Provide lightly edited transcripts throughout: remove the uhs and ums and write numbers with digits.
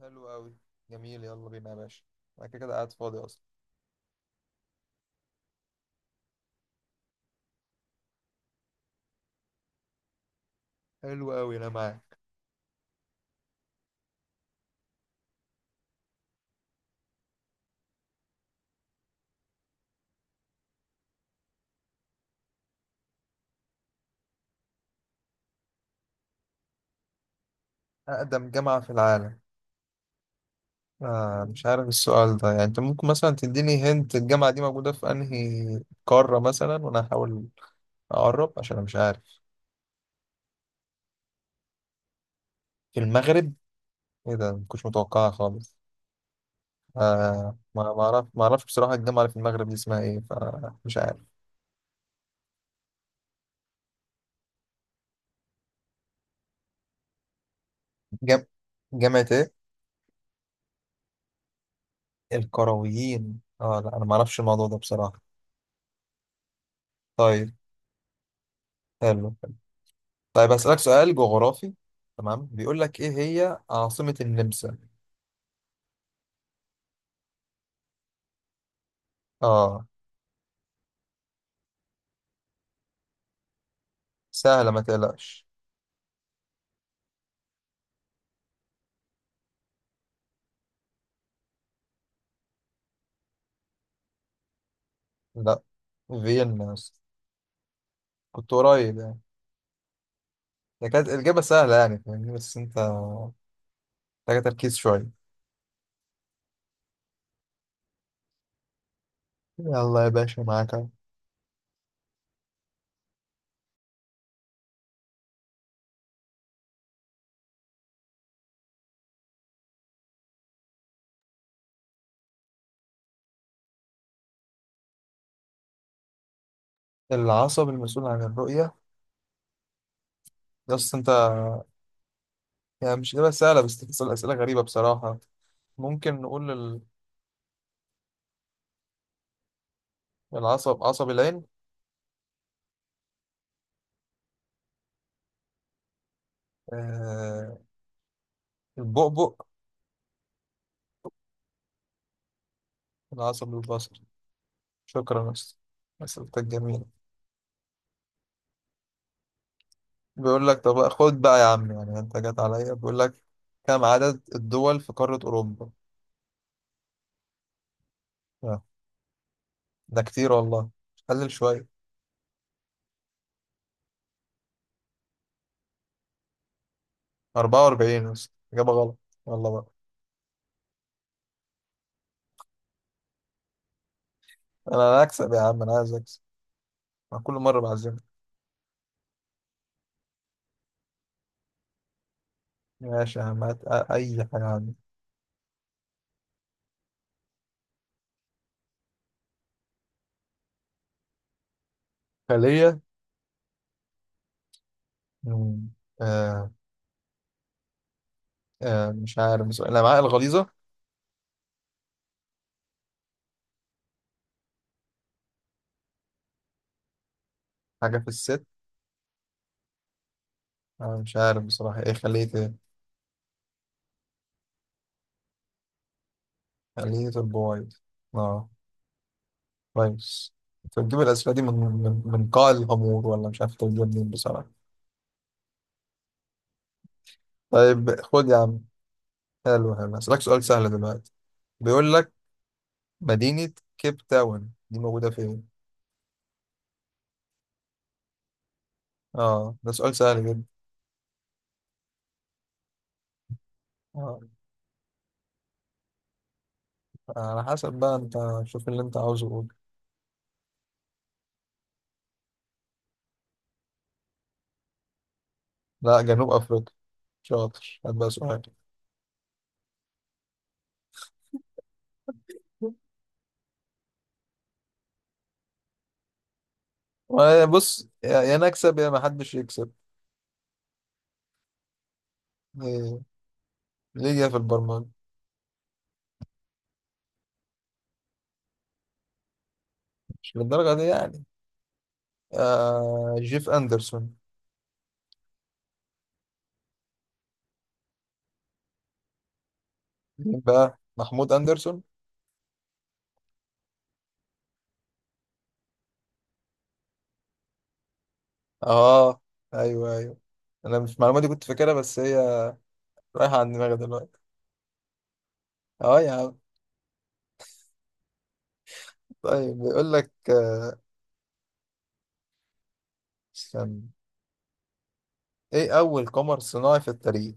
حلو قوي. جميل، يلا بينا يا باشا. انا كده كده قاعد فاضي اصلا. حلو قوي انا معاك. اقدم جامعة في العالم؟ آه مش عارف السؤال ده، يعني انت ممكن مثلا تديني هنت الجامعة دي موجودة في انهي قارة مثلا وانا هحاول اقرب، عشان انا مش عارف. في المغرب؟ ايه ده، مكنتش متوقعها خالص. آه ما اعرفش بصراحة الجامعة اللي في المغرب دي اسمها ايه، فمش عارف. جام... جامعة ايه؟ القرويين، اه لا انا ما اعرفش الموضوع ده بصراحة. طيب، حلو. طيب هسألك سؤال جغرافي، تمام؟ بيقول لك ايه هي عاصمة النمسا؟ اه سهلة ما تقلقش. لا، فيينا يا اسطى. كنت قريب يعني. ده كانت الإجابة سهلة يعني، فاهمني؟ بس انت محتاج تركيز شوية. يلا يا باشا، معاك أهو. العصب المسؤول عن الرؤية؟ يا اسطى انت، يعني مش إجابة سهلة بس تسأل أسئلة غريبة بصراحة. ممكن نقول العصب، عصب العين؟ آه، البؤبؤ؟ العصب البصري. شكرا يا اسطى، أسئلتك جميلة. بيقول لك طب خد بقى يا عم، يعني انت جت عليا. بيقول لك كم عدد الدول في قارة أوروبا؟ آه، ده كتير والله، قلل شوية. 44؟ بس إجابة غلط والله بقى. أنا هكسب يا عم، أنا عايز أكسب. أنا كل مرة بعزمك. ماشي يا عم، هات أي حاجة عندي. خلية؟ مم. آه، آه مش عارف بصراحة، الأمعاء الغليظة؟ حاجة في الست؟ أنا مش عارف بصراحة، إيه خلية إيه؟ خلية البويض؟ آه، كويس. أنت بتجيب الأسئلة دي من قاع الغمور، ولا مش عارف تجيبها منين بصراحة. طيب خد يا عم. حلو حلو، هسألك سؤال سهل دلوقتي. بيقول لك مدينة كيب تاون دي موجودة فين؟ اه ده سؤال سهل جدا. اه على حسب بقى انت، شوف اللي انت عاوزه قول. لا، جنوب افريقيا. شاطر، هات بقى سؤال. بص يا نكسب يا ما حدش يكسب. إيه، ليه جاي في البرمجة؟ مش للدرجة دي يعني. آه، جيف أندرسون. مين بقى، محمود أندرسون؟ اه ايوه ايوه، انا مش المعلومة دي كنت فاكرها، بس هي رايحة عن دماغي دلوقتي. اه يا عم. طيب بيقول لك، آه، استنى، ايه اول قمر صناعي في التاريخ؟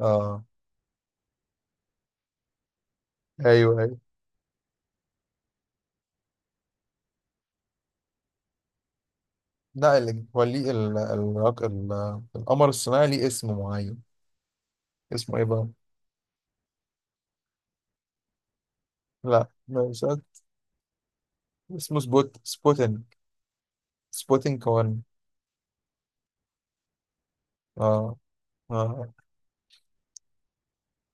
اه ايوه ايوه. لا اللي هو ليه القمر الصناعي ليه اسم معين، اسمه ايه بقى؟ لا مش عارف. اسمه سبوتينج، سبوتينج 1. اه اه اه.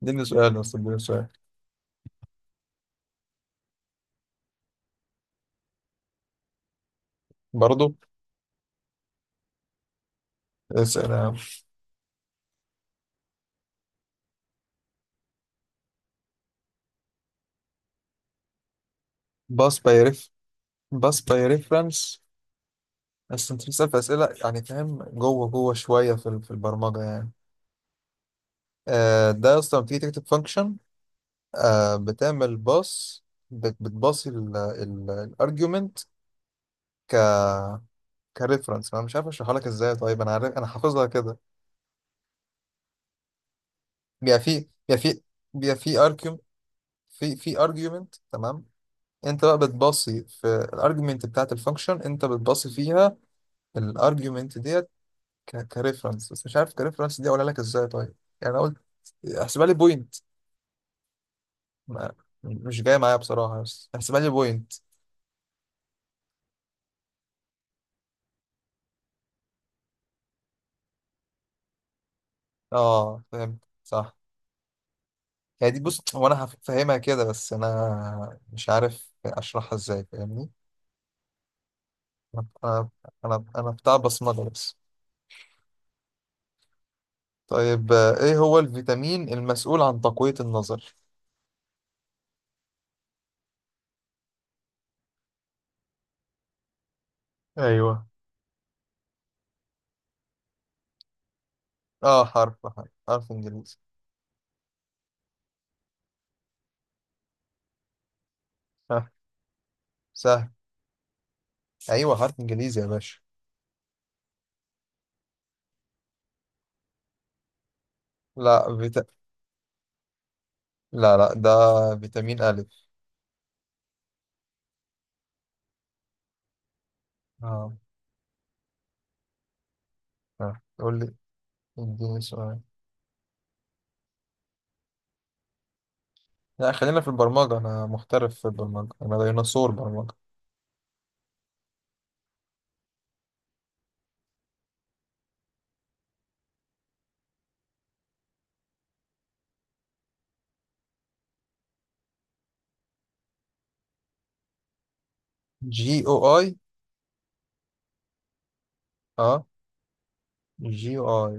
اديني سؤال بس، اديني سؤال. برضه، اسال يا عم. باس باي ريف باس باي ريفرنس؟ بس انت بتسال في اسئله يعني فاهم جوه شويه في البرمجه يعني. آه، ده اصلا بتيجي تكتب فانكشن، آه بتعمل باص، بتباصي الارجيومنت ك كريفرنس. انا مش عارف اشرحها لك ازاي، طيب؟ انا عارف، انا حافظها كده. بيبقى في بيبقى في بيبقى في ارجيوم، في ارجيومنت تمام. انت بقى بتباصي في الارجيومنت بتاعت الفانكشن، انت بتباصي فيها الارجيومنت ديت ك كريفرنس. بس مش عارف كريفرنس دي اقولها لك ازاي طيب. يعني انا قلت، احسبها لي بوينت. مش جاي معايا بصراحة، بس احسبها لي بوينت. اه فهمت، صح. هي دي، بص هو انا هفهمها كده بس انا مش عارف اشرحها ازاي، فاهمني. انا انا بتاع بصمجه بس. طيب آه، ايه هو الفيتامين المسؤول عن تقوية النظر؟ ايوه. اه حرف انجليزي. ها، سهل. ايوه، حرف انجليزي يا باشا. لا فيتا... لا لا، ده فيتامين الف. اه. آه، قول لي، اديني سؤال. لا، خلينا في البرمجة، انا محترف في البرمجة، انا ديناصور برمجة. جي او اي؟ اه، جي او اي.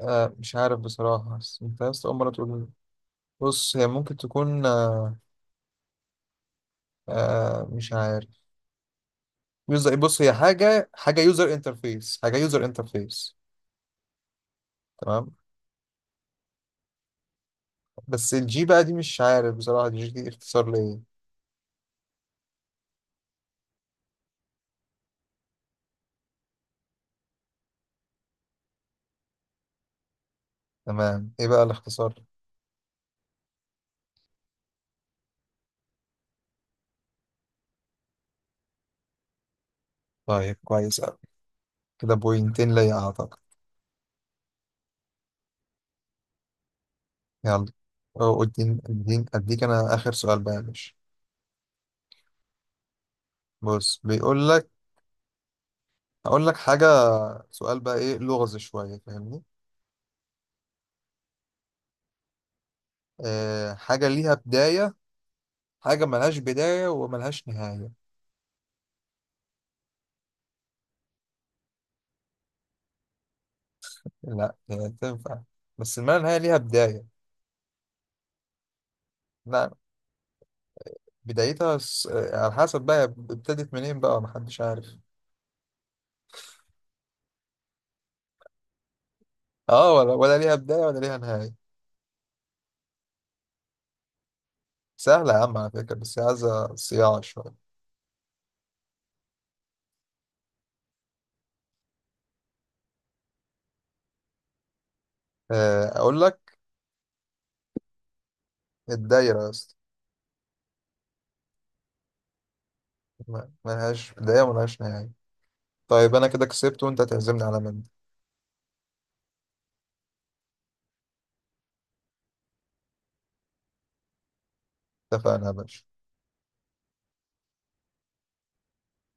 آه مش عارف بصراحة، بس انت بس أول مرة تقول لي. بص هي ممكن تكون، آه، آه مش عارف، يوزر، بص هي حاجة، حاجة يوزر انترفيس. تمام، بس الجي بقى دي مش عارف بصراحة الجي دي اختصار لإيه. تمام، ايه بقى الاختصار؟ طيب كويس أوي، كده بوينتين ليا أعتقد. يلا، أو اديني اديني اديك انا اخر سؤال بقى يا باشا. بص بيقول لك، هقول لك حاجة، سؤال بقى، ايه لغز شوية، فاهمني؟ آه حاجة ليها بداية، حاجة ملهاش بداية وملهاش نهاية. لا هي تنفع، بس ما نهاية ليها بداية. لا، على حسب بقى ابتدت منين بقى، محدش عارف. اه ولا ليها بداية ولا ليها نهاية. سهلة يا عم على فكرة، بس عايزة صياعة شوية. آه، أقول لك، الدايرة يا اسطى. ملهاش بداية وملهاش نهاية. طيب أنا كده كسبت، وأنت هتعزمني على مندي. اتفقنا يا باشا.